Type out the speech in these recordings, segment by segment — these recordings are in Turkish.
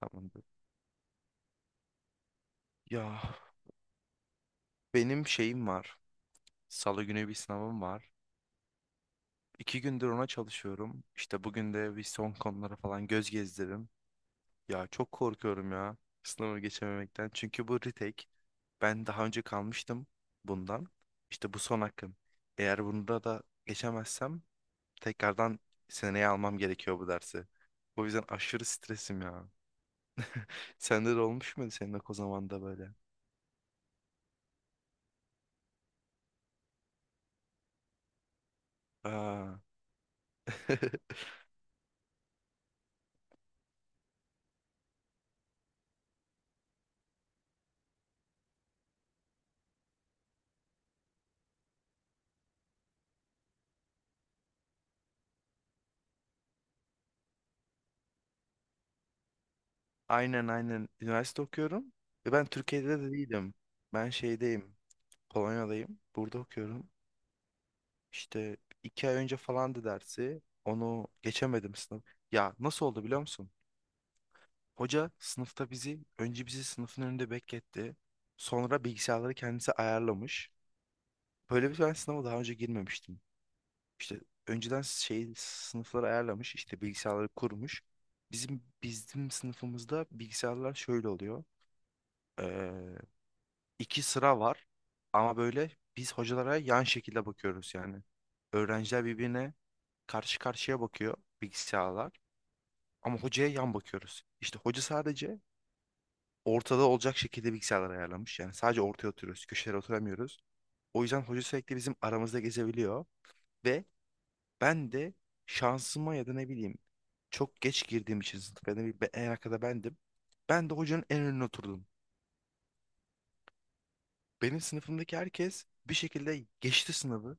Tamamdır. Ya benim şeyim var. Salı günü bir sınavım var. İki gündür ona çalışıyorum. İşte bugün de bir son konulara falan göz gezdirdim. Ya çok korkuyorum ya sınavı geçememekten. Çünkü bu retake. Ben daha önce kalmıştım bundan. İşte bu son hakkım. Eğer bunda da geçemezsem tekrardan seneye almam gerekiyor bu dersi. O yüzden aşırı stresim ya. Sende de olmuş muydu senin o zamanda böyle? Aa. Aynen aynen. Üniversite okuyorum. Ve ben Türkiye'de de değilim. Ben şeydeyim. Polonya'dayım. Burada okuyorum. İşte iki ay önce falandı dersi. Onu geçemedim sınıf. Ya nasıl oldu biliyor musun? Hoca sınıfta bizi, önce bizi sınıfın önünde bekletti. Sonra bilgisayarları kendisi ayarlamış. Böyle bir ben sınava daha önce girmemiştim. İşte önceden şey sınıfları ayarlamış, işte bilgisayarları kurmuş. Bizim sınıfımızda bilgisayarlar şöyle oluyor. İki sıra var ama böyle biz hocalara yan şekilde bakıyoruz yani. Öğrenciler birbirine karşı karşıya bakıyor bilgisayarlar ama hocaya yan bakıyoruz. İşte hoca sadece ortada olacak şekilde bilgisayarları ayarlamış. Yani sadece ortaya oturuyoruz, köşelere oturamıyoruz. O yüzden hoca sürekli bizim aramızda gezebiliyor ve ben de şansıma ya da ne bileyim çok geç girdiğim için sınıf ya da en arkada bendim. Ben de hocanın en önüne oturdum. Benim sınıfımdaki herkes bir şekilde geçti sınavı.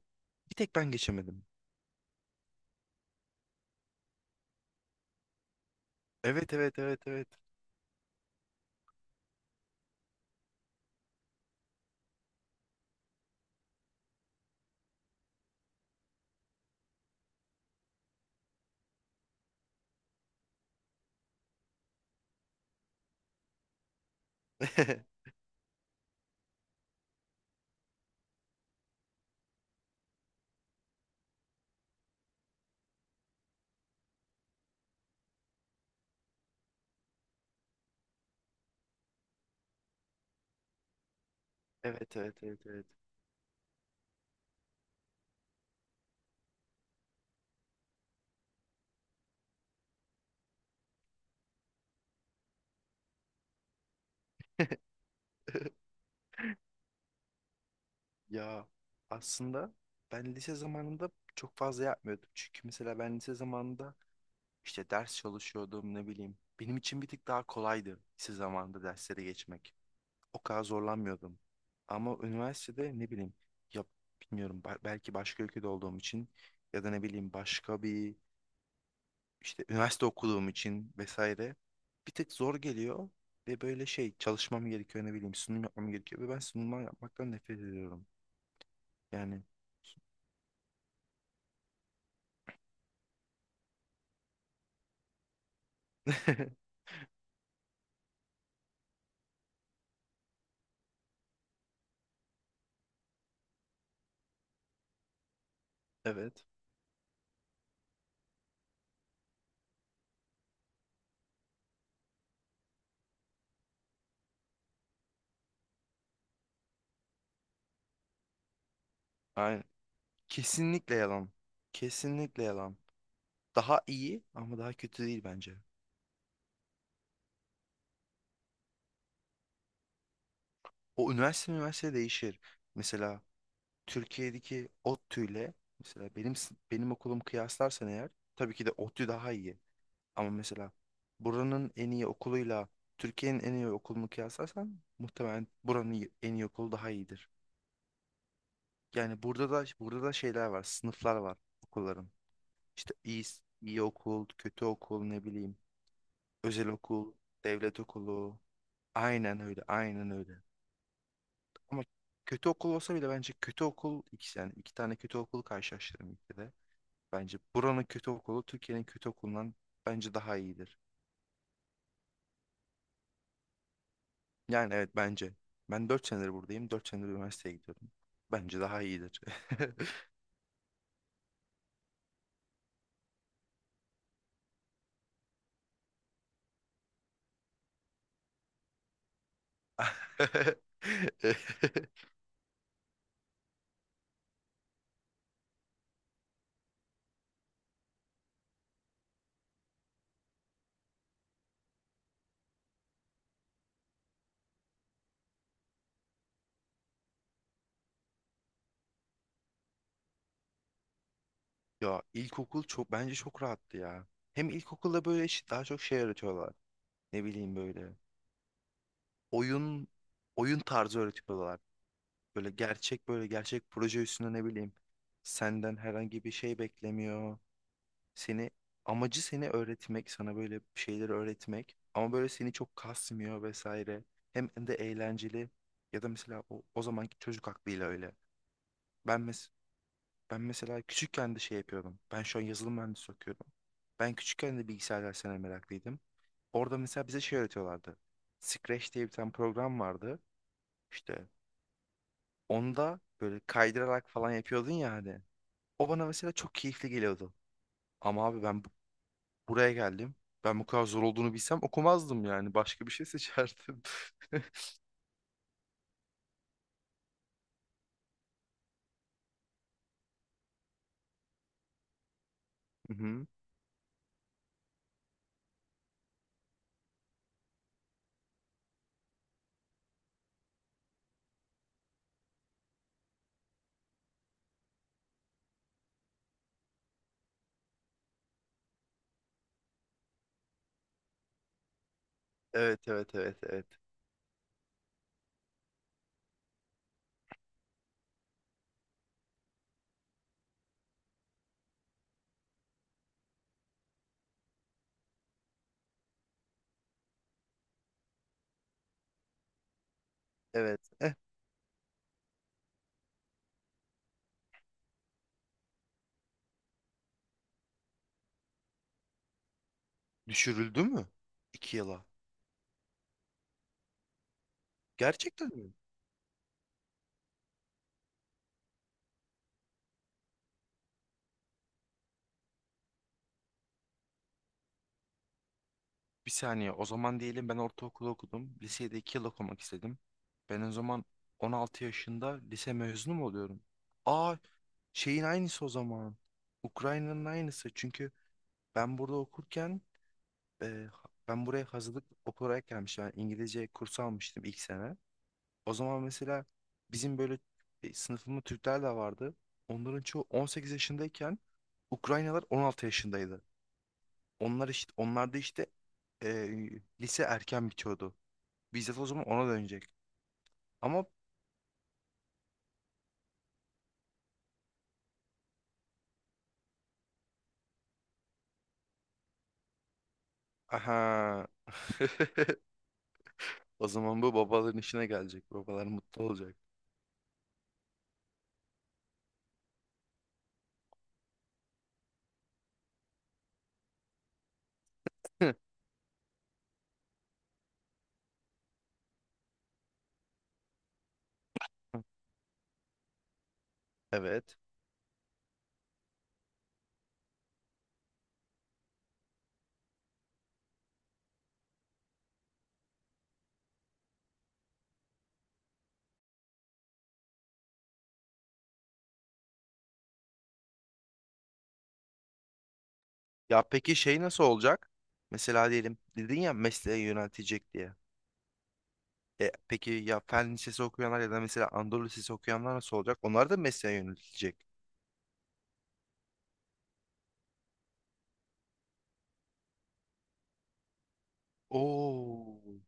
Bir tek ben geçemedim. Evet evet evet evet. Evet evet evet evet. Ya aslında ben lise zamanında çok fazla yapmıyordum. Çünkü mesela ben lise zamanında işte ders çalışıyordum ne bileyim. Benim için bir tık daha kolaydı lise zamanında derslere geçmek. O kadar zorlanmıyordum. Ama üniversitede ne bileyim ya bilmiyorum belki başka ülkede olduğum için ya da ne bileyim başka bir işte üniversite okuduğum için vesaire bir tık zor geliyor ve böyle şey çalışmam gerekiyor ne bileyim sunum yapmam gerekiyor ve ben sunumlar yapmaktan nefret ediyorum. Yani evet. Aynen. Kesinlikle yalan. Kesinlikle yalan. Daha iyi ama daha kötü değil bence. O üniversite değişir. Mesela Türkiye'deki ODTÜ ile mesela benim okulum kıyaslarsan eğer tabii ki de ODTÜ daha iyi. Ama mesela buranın en iyi okuluyla Türkiye'nin en iyi okulunu kıyaslarsan muhtemelen en iyi okulu daha iyidir. Yani burada da şeyler var, sınıflar var okulların. İşte iyi okul, kötü okul, ne bileyim, özel okul, devlet okulu. Aynen öyle, aynen öyle. Ama kötü okul olsa bile bence kötü okul ikisi yani iki tane kötü okul karşılaştırırım ülkede. Bence buranın kötü okulu Türkiye'nin kötü okulundan bence daha iyidir. Yani evet bence. Ben 4 senedir buradayım. 4 senedir üniversiteye gidiyorum. Bence daha iyidir. Ya ilkokul çok bence çok rahattı ya. Hem ilkokulda böyle daha çok şey öğretiyorlar. Ne bileyim böyle. Oyun oyun tarzı öğretiyorlar. Böyle gerçek proje üstüne ne bileyim. Senden herhangi bir şey beklemiyor. Seni amacı seni öğretmek, sana böyle bir şeyleri öğretmek ama böyle seni çok kasmıyor vesaire. Hem de eğlenceli ya da mesela o zamanki çocuk aklıyla öyle. Ben mes Ben mesela küçükken de şey yapıyordum. Ben şu an yazılım mühendisi okuyorum. Ben küçükken de bilgisayar derslerine meraklıydım. Orada mesela bize şey öğretiyorlardı. Scratch diye bir tane program vardı. İşte onda böyle kaydırarak falan yapıyordun ya hani. O bana mesela çok keyifli geliyordu. Ama abi ben Buraya geldim. Ben bu kadar zor olduğunu bilsem okumazdım yani. Başka bir şey seçerdim. Hı-hı. Evet, evet, evet, evet. Evet. Eh, düşürüldü mü? İki yıla. Gerçekten mi? Bir saniye. O zaman diyelim ben ortaokulu okudum. Lisede iki yıl okumak istedim. Ben o zaman 16 yaşında lise mezunu mu oluyorum? Aa, şeyin aynısı o zaman. Ukrayna'nın aynısı. Çünkü ben burada okurken e, ben buraya hazırlık olarak gelmiştim. Yani İngilizce kursu almıştım ilk sene. O zaman mesela bizim böyle sınıfımda Türkler de vardı. Onların çoğu 18 yaşındayken Ukraynalar 16 yaşındaydı. Onlar işte onlarda işte e, Lise erken bitiyordu. Bizzat o zaman ona dönecek. Ama aha o zaman bu babaların işine gelecek. Babalar mutlu olacak. Evet. Ya peki şey nasıl olacak? Mesela diyelim dedin ya mesleğe yöneltecek diye. Peki ya fen lisesi okuyanlar ya da mesela Anadolu lisesi okuyanlar nasıl olacak? Onlar da mesleğe yöneltilecek. Oo.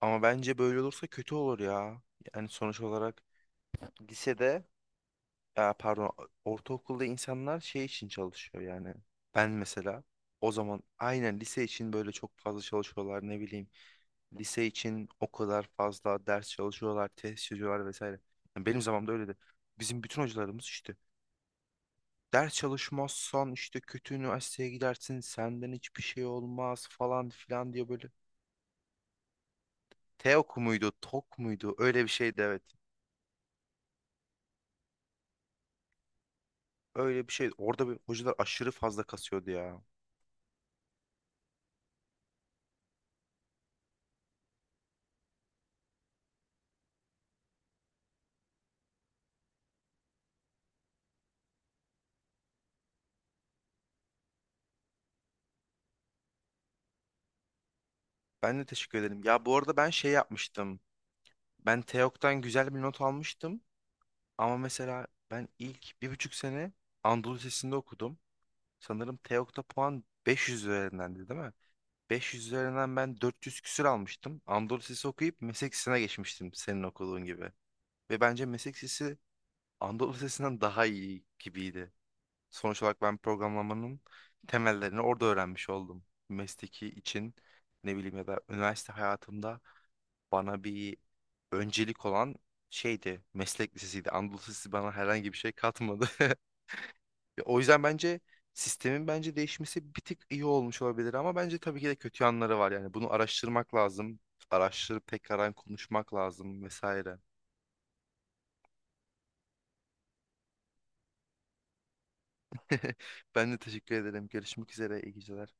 Ama bence böyle olursa kötü olur ya. Yani sonuç olarak lisede, ya pardon, ortaokulda insanlar şey için çalışıyor yani. Ben mesela o zaman aynen lise için böyle çok fazla çalışıyorlar ne bileyim. Lise için o kadar fazla ders çalışıyorlar, test çözüyorlar vesaire. Yani benim zamanımda öyleydi. Bizim bütün hocalarımız işte ders çalışmazsan işte kötü üniversiteye gidersin senden hiçbir şey olmaz falan filan diye böyle. TEOK muydu TOK muydu öyle bir şeydi evet. Öyle bir şey orada bir hocalar aşırı fazla kasıyordu ya. Ben de teşekkür ederim. Ya bu arada ben şey yapmıştım. Ben TEOK'tan güzel bir not almıştım. Ama mesela ben ilk bir buçuk sene Anadolu Lisesi'nde okudum. Sanırım TEOK'ta puan 500 üzerindendi değil mi? 500 üzerinden ben 400 küsür almıştım. Anadolu Lisesi okuyup meslek lisesine geçmiştim senin okuduğun gibi. Ve bence meslek lisesi Anadolu Lisesi'nden daha iyi gibiydi. Sonuç olarak ben programlamanın temellerini orada öğrenmiş oldum. Mesleki için ne bileyim ya da üniversite hayatımda bana bir öncelik olan şeydi. Meslek lisesiydi. Anadolu Lisesi bana herhangi bir şey katmadı. O yüzden bence sistemin bence değişmesi bir tık iyi olmuş olabilir ama bence tabii ki de kötü yanları var. Yani bunu araştırmak lazım. Araştırıp tekrardan konuşmak lazım vesaire. Ben de teşekkür ederim. Görüşmek üzere. İyi geceler.